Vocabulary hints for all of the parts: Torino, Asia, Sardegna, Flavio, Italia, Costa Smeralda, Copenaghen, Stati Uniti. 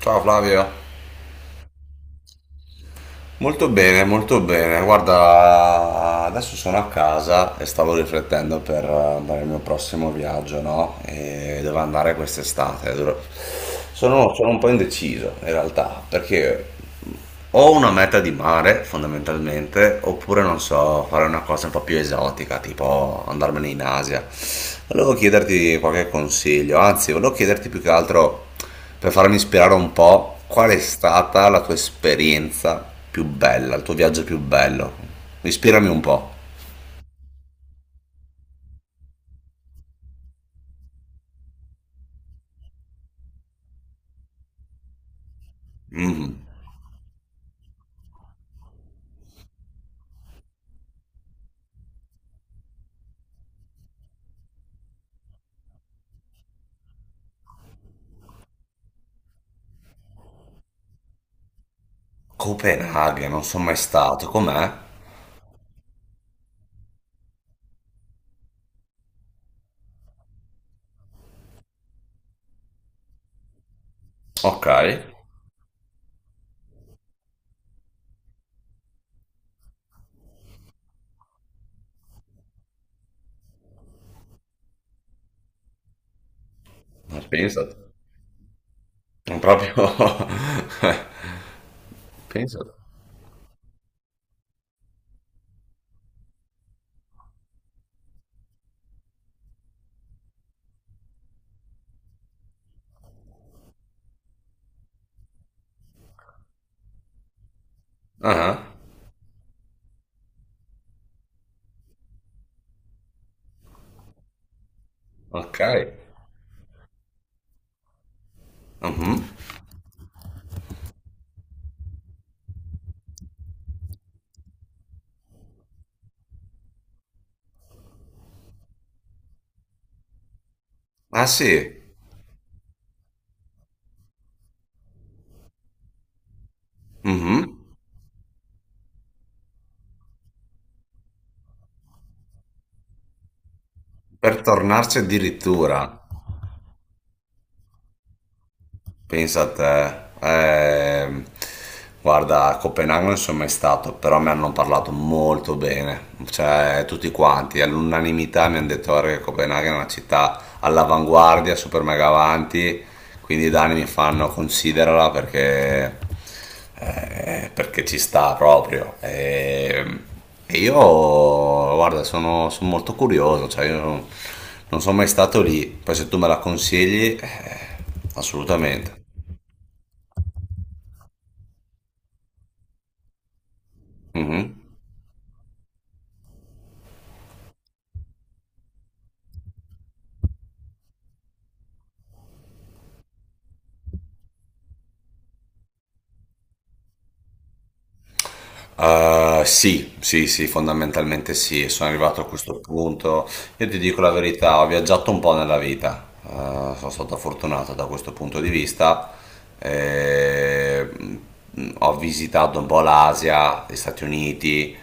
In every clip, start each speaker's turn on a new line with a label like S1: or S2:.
S1: Ciao Flavio. Molto bene, molto bene. Guarda, adesso sono a casa e stavo riflettendo per andare al mio prossimo viaggio, no? E dove andare quest'estate. Sono un po' indeciso in realtà, perché ho una meta di mare fondamentalmente, oppure non so, fare una cosa un po' più esotica, tipo andarmene in Asia. Volevo chiederti qualche consiglio, anzi, volevo chiederti più che altro per farmi ispirare un po', qual è stata la tua esperienza più bella, il tuo viaggio più bello? Ispirami un po'. Mm, Copenaghen, non sono mai stato, com'è? Ok, ma pensate, non proprio... pensate. Ah, ok. Mhm. Ah sì, mhm. Per tornarci addirittura. Pensa a te. Guarda, a Copenaghen non sono mai stato, però mi hanno parlato molto bene, cioè tutti quanti, all'unanimità mi hanno detto "Guarda che Copenaghen è una città all'avanguardia, super mega avanti, quindi i danni mi fanno considerala perché perché ci sta proprio. E io, guarda, sono molto curioso, cioè io non, non sono mai stato lì, poi se tu me la consigli, assolutamente. Mhm. Sì, sì, sì, fondamentalmente sì, sono arrivato a questo punto. Io ti dico la verità, ho viaggiato un po' nella vita. Sono stato fortunato da questo punto di vista. Eh, ho visitato un po' l'Asia, gli Stati Uniti,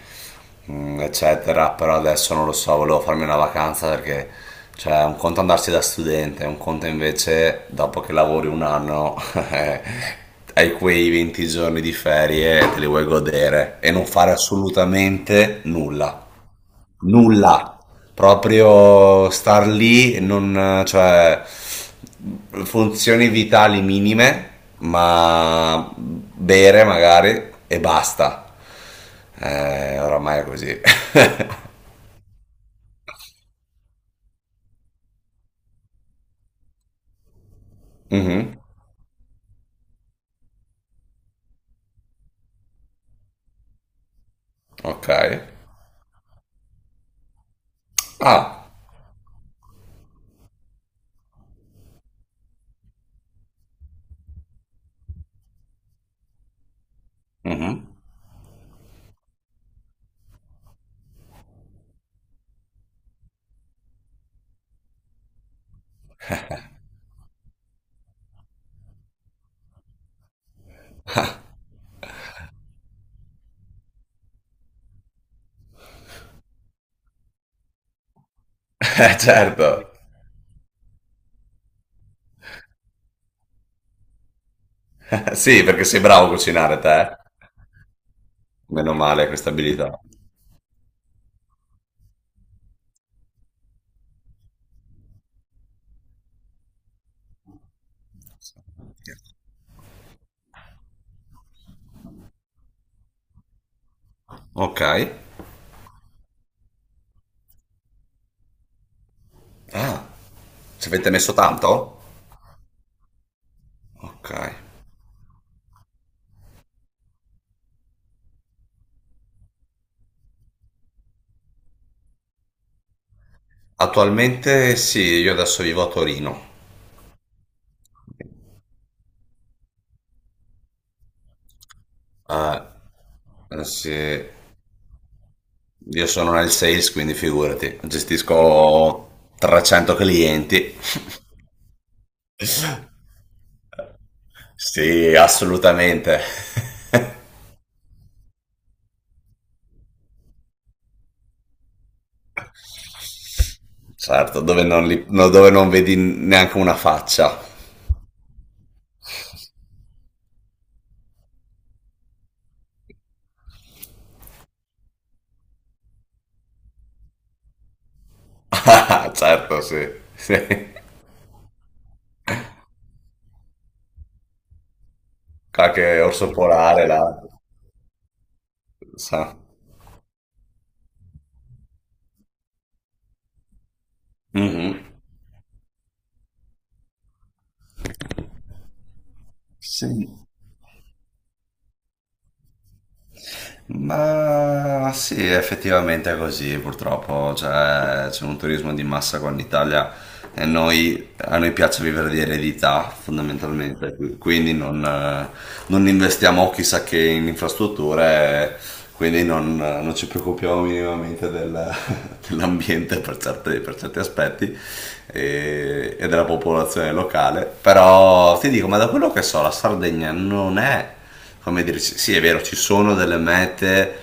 S1: eccetera, però adesso non lo so, volevo farmi una vacanza perché cioè un conto andarsi da studente, un conto invece dopo che lavori un anno hai quei 20 giorni di ferie e te li vuoi godere e non fare assolutamente nulla. Nulla, proprio star lì, non, cioè, funzioni vitali minime, ma bere magari e basta. Oramai è così. Mhm, ok. Ah, mhm. Certo. Sì, perché sei bravo a cucinare te. Meno male questa abilità. Ok. Ah, ci avete messo tanto? Ok. Attualmente sì, io adesso vivo a Torino. Eh, sì. Io sono nel sales, quindi figurati, gestisco 300 clienti. Sì, assolutamente. Certo, dove non, li- no, dove non vedi neanche una faccia. Certo, sì. Sì. Qualche orso polare là. Sa. Mhm. Sì. Ma sì, effettivamente è così, purtroppo cioè, c'è un turismo di massa qua in Italia e a noi piace vivere di eredità fondamentalmente, quindi non investiamo chissà che in infrastrutture, quindi non ci preoccupiamo minimamente dell'ambiente per per certi aspetti e della popolazione locale, però ti dico, ma da quello che so, la Sardegna non è come dire, sì sì, è vero, ci sono delle mete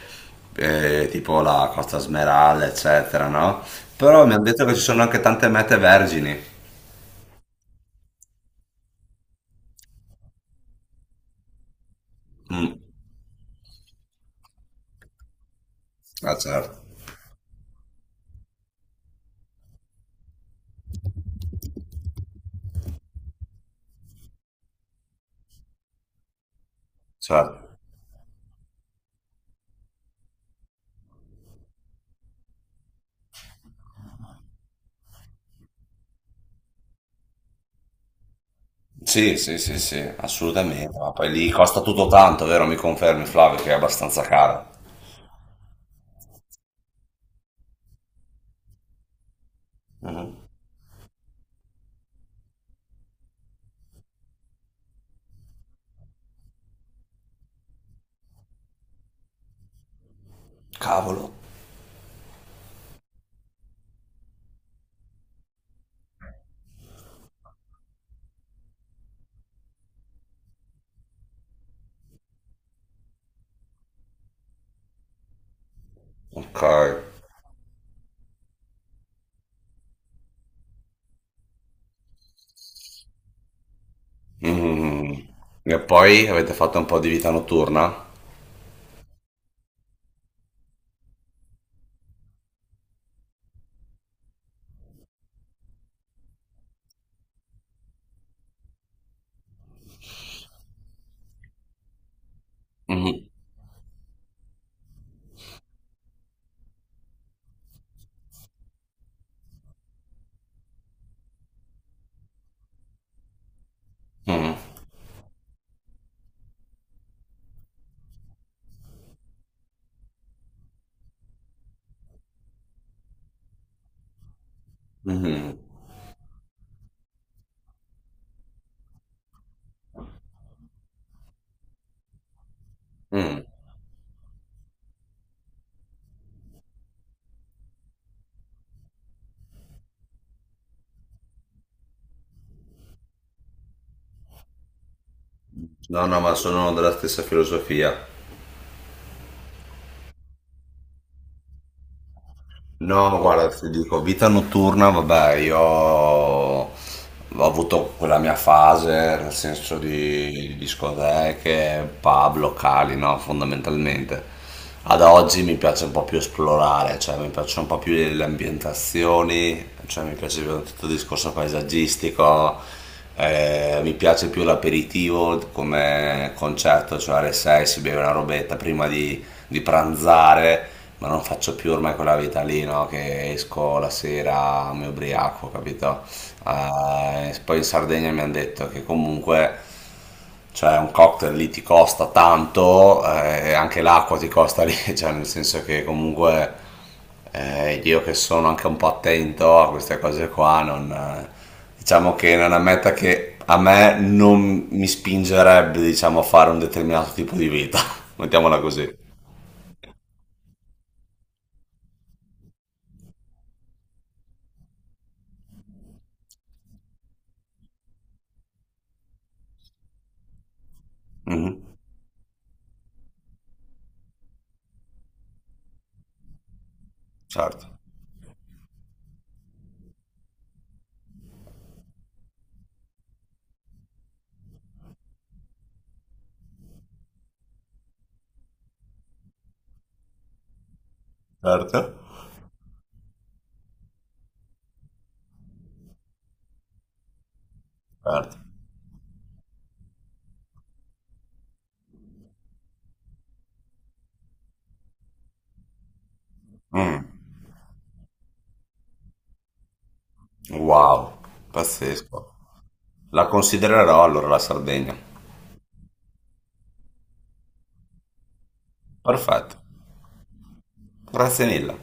S1: tipo la Costa Smeralda, eccetera, no? Però mi hanno detto che ci sono anche tante mete vergini. Mm. Ah, certo, certo. Sì, sì, sì, sì, assolutamente. Ma poi lì costa tutto tanto, vero? Mi confermi, Flavio, che è abbastanza caro. Mhm. Cavolo. Ok. Mhm. E poi avete fatto un po' di vita notturna? Mhm. Mhm. Mhm. Mhm. No, no, ma sono della stessa filosofia. No, guarda, ti dico, vita notturna, vabbè, io ho avuto quella mia fase, nel senso di discoteche, pub, locali, no, fondamentalmente. Ad oggi mi piace un po' più esplorare, cioè mi piacciono un po' più le ambientazioni, cioè mi piace più tutto il discorso paesaggistico, mi piace più l'aperitivo come concetto, cioè alle 6 si beve una robetta prima di pranzare, ma non faccio più ormai quella vita lì, no? Che esco la sera, mi ubriaco, capito? Poi in Sardegna mi hanno detto che comunque, cioè, un cocktail lì ti costa tanto, e anche l'acqua ti costa lì, cioè, nel senso che comunque io che sono anche un po' attento a queste cose qua, non, diciamo che non è una meta che a me non mi spingerebbe, diciamo, a fare un determinato tipo di vita, mettiamola così. Mh-mh. Certo, certo, certo. Mh, wow, pazzesco. La considererò allora la Sardegna. Perfetto, grazie mille.